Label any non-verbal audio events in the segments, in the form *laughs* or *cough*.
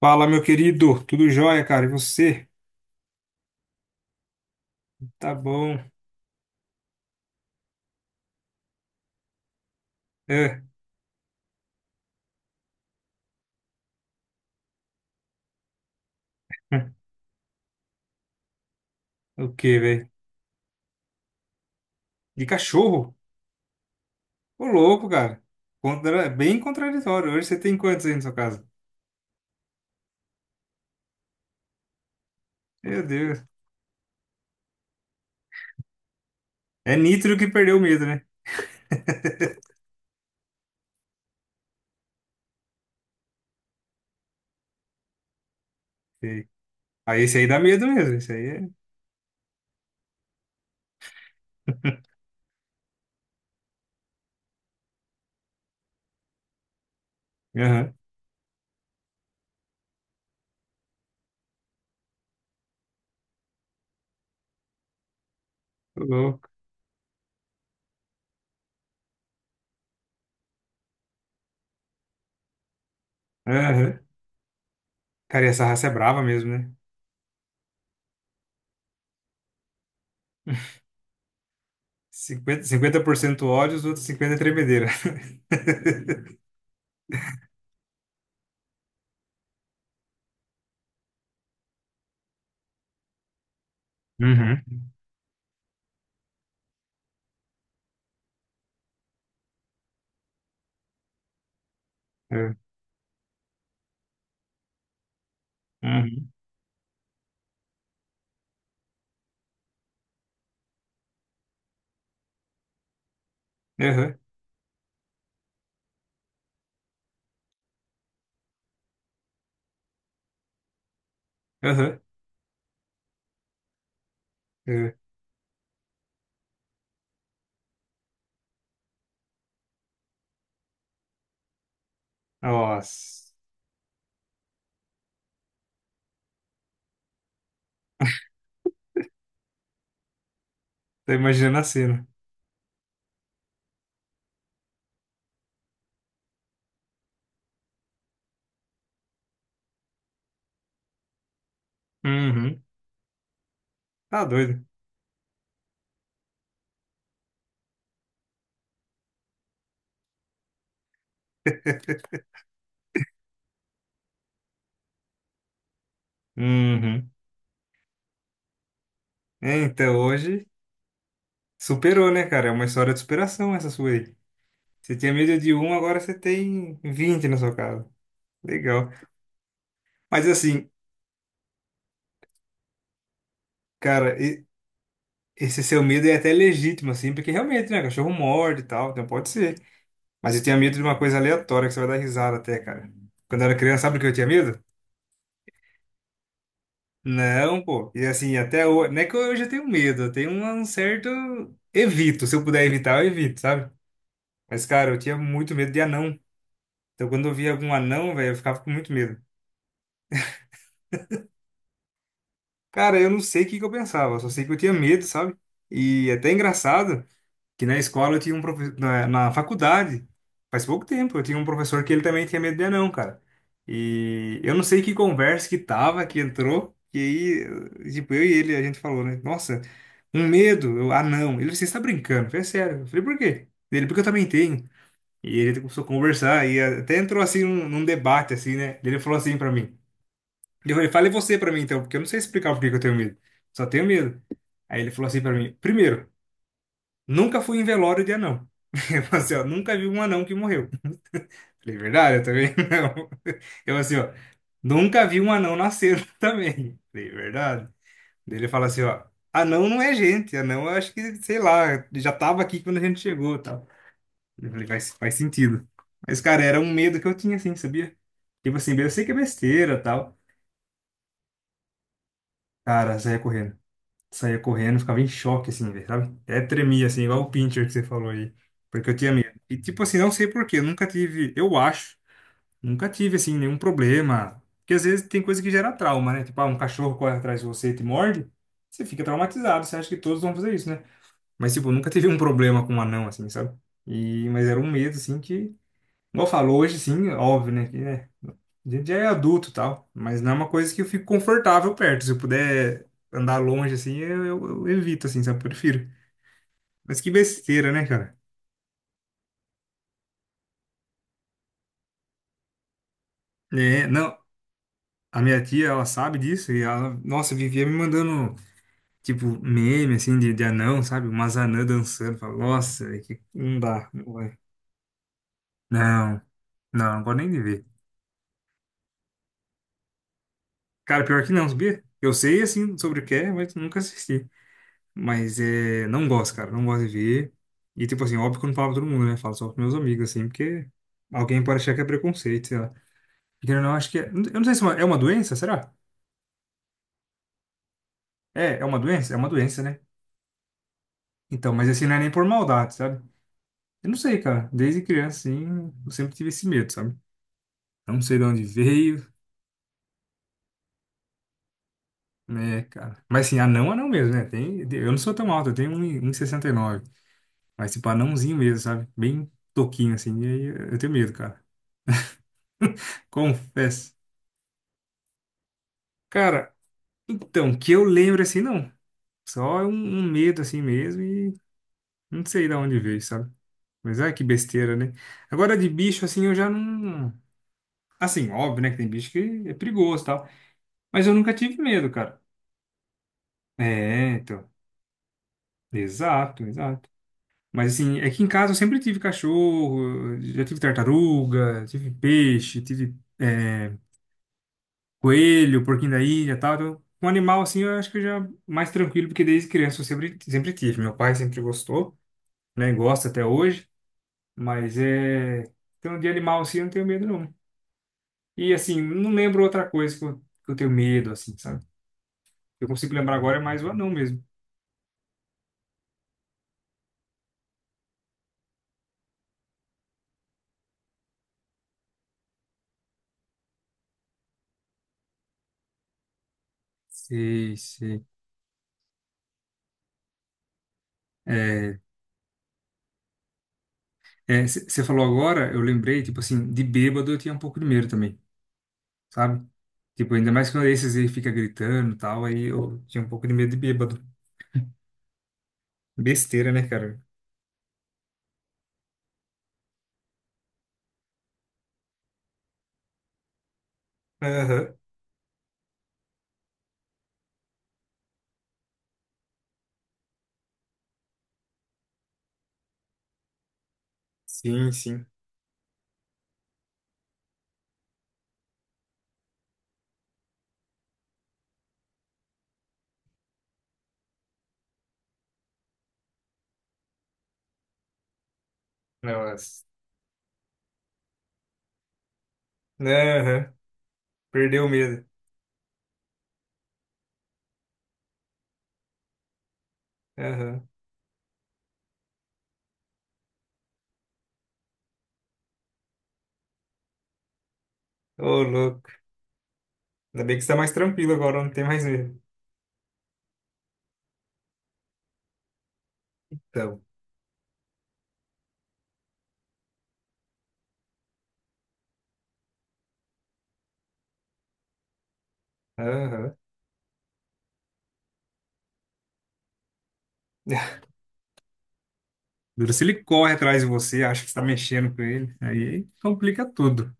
Fala, meu querido. Tudo jóia, cara? E você? Tá bom. É. *laughs* O quê, velho? De cachorro? Ô, louco, cara. Bem contraditório. Hoje você tem quantos aí na sua casa? Meu Deus. É Nitro que perdeu o medo, né? Sei. Aí esse aí dá medo mesmo. Esse aí é. Aham. Ô, louco. Aham. Cara, e essa raça é brava mesmo, né? *laughs* Cinquenta por cento ódio, os outros 50% tremedeira. *laughs* Uhum. É. Uhum. Aham. Aham. É. Nossa. Tô imaginando a cena. Uhum. Tá doido. Uhum. É, então hoje superou, né, cara? É uma história de superação essa sua aí. Você tinha medo de um, agora você tem 20 na sua casa. Legal. Mas assim, cara, esse seu medo é até legítimo, assim, porque realmente, né, cachorro morde e tal, então pode ser. Mas eu tinha medo de uma coisa aleatória que você vai dar risada até, cara. Quando eu era criança, sabe o que eu tinha medo? Não, pô. E assim, até hoje, não é que hoje eu tenho medo, eu tenho um certo evito. Se eu puder evitar, eu evito, sabe? Mas, cara, eu tinha muito medo de anão. Então, quando eu via algum anão, velho, eu ficava com muito medo. Cara, eu não sei o que que eu pensava, só sei que eu tinha medo, sabe? E até é engraçado que na escola eu tinha um professor, na faculdade, faz pouco tempo, eu tinha um professor que ele também tinha medo de anão, cara. E eu não sei que conversa que tava, que entrou, e aí, tipo, eu e ele, a gente falou, né? Nossa, um medo, eu, anão. Ele, você está brincando? Eu falei, "É sério. Eu falei, por quê? Ele, porque eu também tenho. E ele começou a conversar, e até entrou assim num, num debate, assim, né? Ele falou assim pra mim. Ele falou, fale você pra mim então, porque eu não sei explicar por que que eu tenho medo. Só tenho medo. Aí ele falou assim pra mim: primeiro, nunca fui em velório de anão. *laughs* Eu falei assim, ó, nunca vi um anão que morreu. Falei, verdade, eu também não. *laughs* Eu assim, ó, nunca vi um anão nascer *laughs* também. Falei, verdade. Daí ele fala assim, ó, anão não é gente, anão eu acho que, sei lá, já tava aqui quando a gente chegou e tal. Eu falei, faz sentido. Mas, cara, era um medo que eu tinha, assim, sabia? Tipo assim, eu sei que é besteira e tal. Cara, saia correndo. Saía correndo, ficava em choque, assim, velho, sabe? Até tremia, assim, igual o Pinscher que você falou aí, porque eu tinha medo. E, tipo assim, não sei por quê, eu nunca tive, eu acho, nunca tive, assim, nenhum problema. Porque às vezes tem coisa que gera trauma, né? Tipo, ah, um cachorro corre atrás de você e te morde, você fica traumatizado, você acha que todos vão fazer isso, né? Mas, tipo, eu nunca tive um problema com um anão, assim, sabe? E, mas era um medo, assim, que, igual eu falo, hoje, assim, óbvio, né? Que, né? A gente já é adulto e tal, mas não é uma coisa que eu fico confortável perto. Se eu puder andar longe assim, eu evito, assim, sabe? Eu prefiro. Mas que besteira, né, cara? É, não, a minha tia, ela sabe disso e ela, nossa, vivia me mandando, tipo, meme, assim, de anão, sabe? Umas anãs dançando. Fala, nossa, velho, que não dá, não vai. Não, não, não gosto nem de ver. Cara, pior que não, sabia? Eu sei, assim, sobre o que é, mas nunca assisti. Mas é, não gosto, cara, não gosto de ver. E tipo assim, óbvio que eu não falo pra todo mundo, né? Falo só pros meus amigos, assim, porque alguém pode achar que é preconceito, sei lá. E querendo ou não, acho que é. Eu não sei se é uma, é uma doença, será? É, é uma doença? É uma doença, né? Então, mas assim, não é nem por maldade, sabe? Eu não sei, cara. Desde criança, assim, eu sempre tive esse medo, sabe? Eu não sei de onde veio, né, cara. Mas assim, anão, anão mesmo, né? Tem, eu não sou tão alto, eu tenho um e 69. Mas tipo, anãozinho mesmo, sabe? Bem toquinho, assim. E aí eu tenho medo, cara. Confesso. Cara, então, que eu lembro assim, não. Só um, um medo assim mesmo e não sei de onde veio, sabe? Mas é que besteira, né? Agora de bicho assim eu já não. Assim, óbvio, né? Que tem bicho que é perigoso e tal. Mas eu nunca tive medo, cara. É, então. Exato, exato. Mas assim, é que em casa eu sempre tive cachorro, já tive tartaruga, tive peixe, tive é, coelho, porquinho da ilha e tal. Então, um animal assim eu acho que eu já mais tranquilo, porque desde criança eu sempre, sempre tive. Meu pai sempre gostou. Né? Gosto até hoje, mas é. Então, de animal assim, eu não tenho medo, não. E assim, não lembro outra coisa que eu tenho medo, assim, sabe? Eu consigo lembrar agora é mais o anão mesmo. Sei, sei. É, é, você falou agora, eu lembrei, tipo assim, de bêbado eu tinha um pouco de medo também, sabe? Tipo, ainda mais quando esses aí fica gritando e tal, aí eu tinha um pouco de medo de bêbado. Besteira, né, cara? Aham. Sim, sim. Nossa. Aham. Perdeu o medo. Aham. Ô, louco. Ainda bem que você tá mais tranquilo agora, não tem mais medo. Então, aham. *laughs* Duro se ele corre atrás de você, acha que você tá mexendo com ele. Aí complica tudo.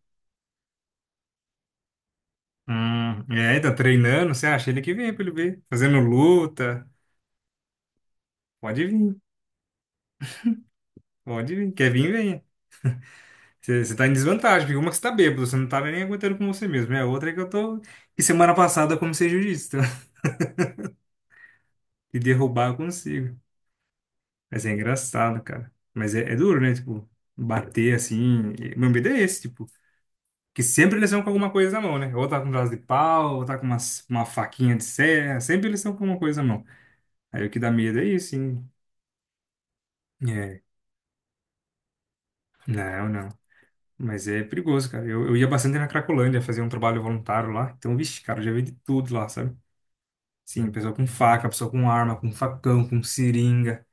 É, tá treinando, você acha ele que vem pra ele ver. Fazendo luta. Pode vir, pode vir. Quer vir, venha. Você, você tá em desvantagem, porque uma que você tá bêbado, você não tá nem aguentando com você mesmo. É a outra é que eu tô. E semana passada eu comecei jiu-jitsu. Tá? *laughs* E derrubar eu consigo. Mas é engraçado, cara. Mas é, é duro, né? Tipo, bater assim. Meu medo é esse, tipo. Que sempre eles estão com alguma coisa na mão, né? Ou tá com um braço de pau, ou tá com uma faquinha de serra. Sempre eles estão com alguma coisa na mão. Aí o que dá medo é isso, hein? É. Não, não. Mas é perigoso, cara. Eu ia bastante na Cracolândia fazer um trabalho voluntário lá. Então, vixe, cara, eu já vi de tudo lá, sabe? Sim, pessoa com faca, pessoa com arma, com facão, com seringa.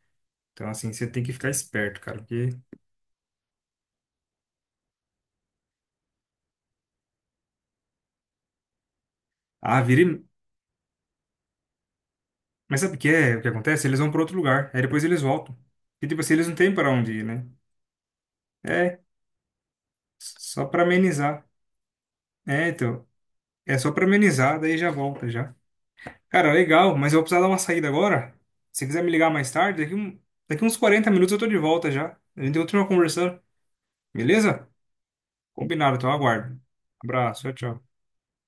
Então, assim, você tem que ficar esperto, cara. Porque. Ah, vira. e- Mas sabe o que é? O que acontece? Eles vão para outro lugar. Aí depois eles voltam. E, tipo assim, eles não têm para onde ir, né? É, só para amenizar. É, então, é só pra amenizar, daí já volta já. Cara, legal, mas eu vou precisar dar uma saída agora. Se quiser me ligar mais tarde, daqui uns 40 minutos eu tô de volta já. A gente continua conversando, beleza? Combinado, então eu aguardo. Abraço, tchau, tchau.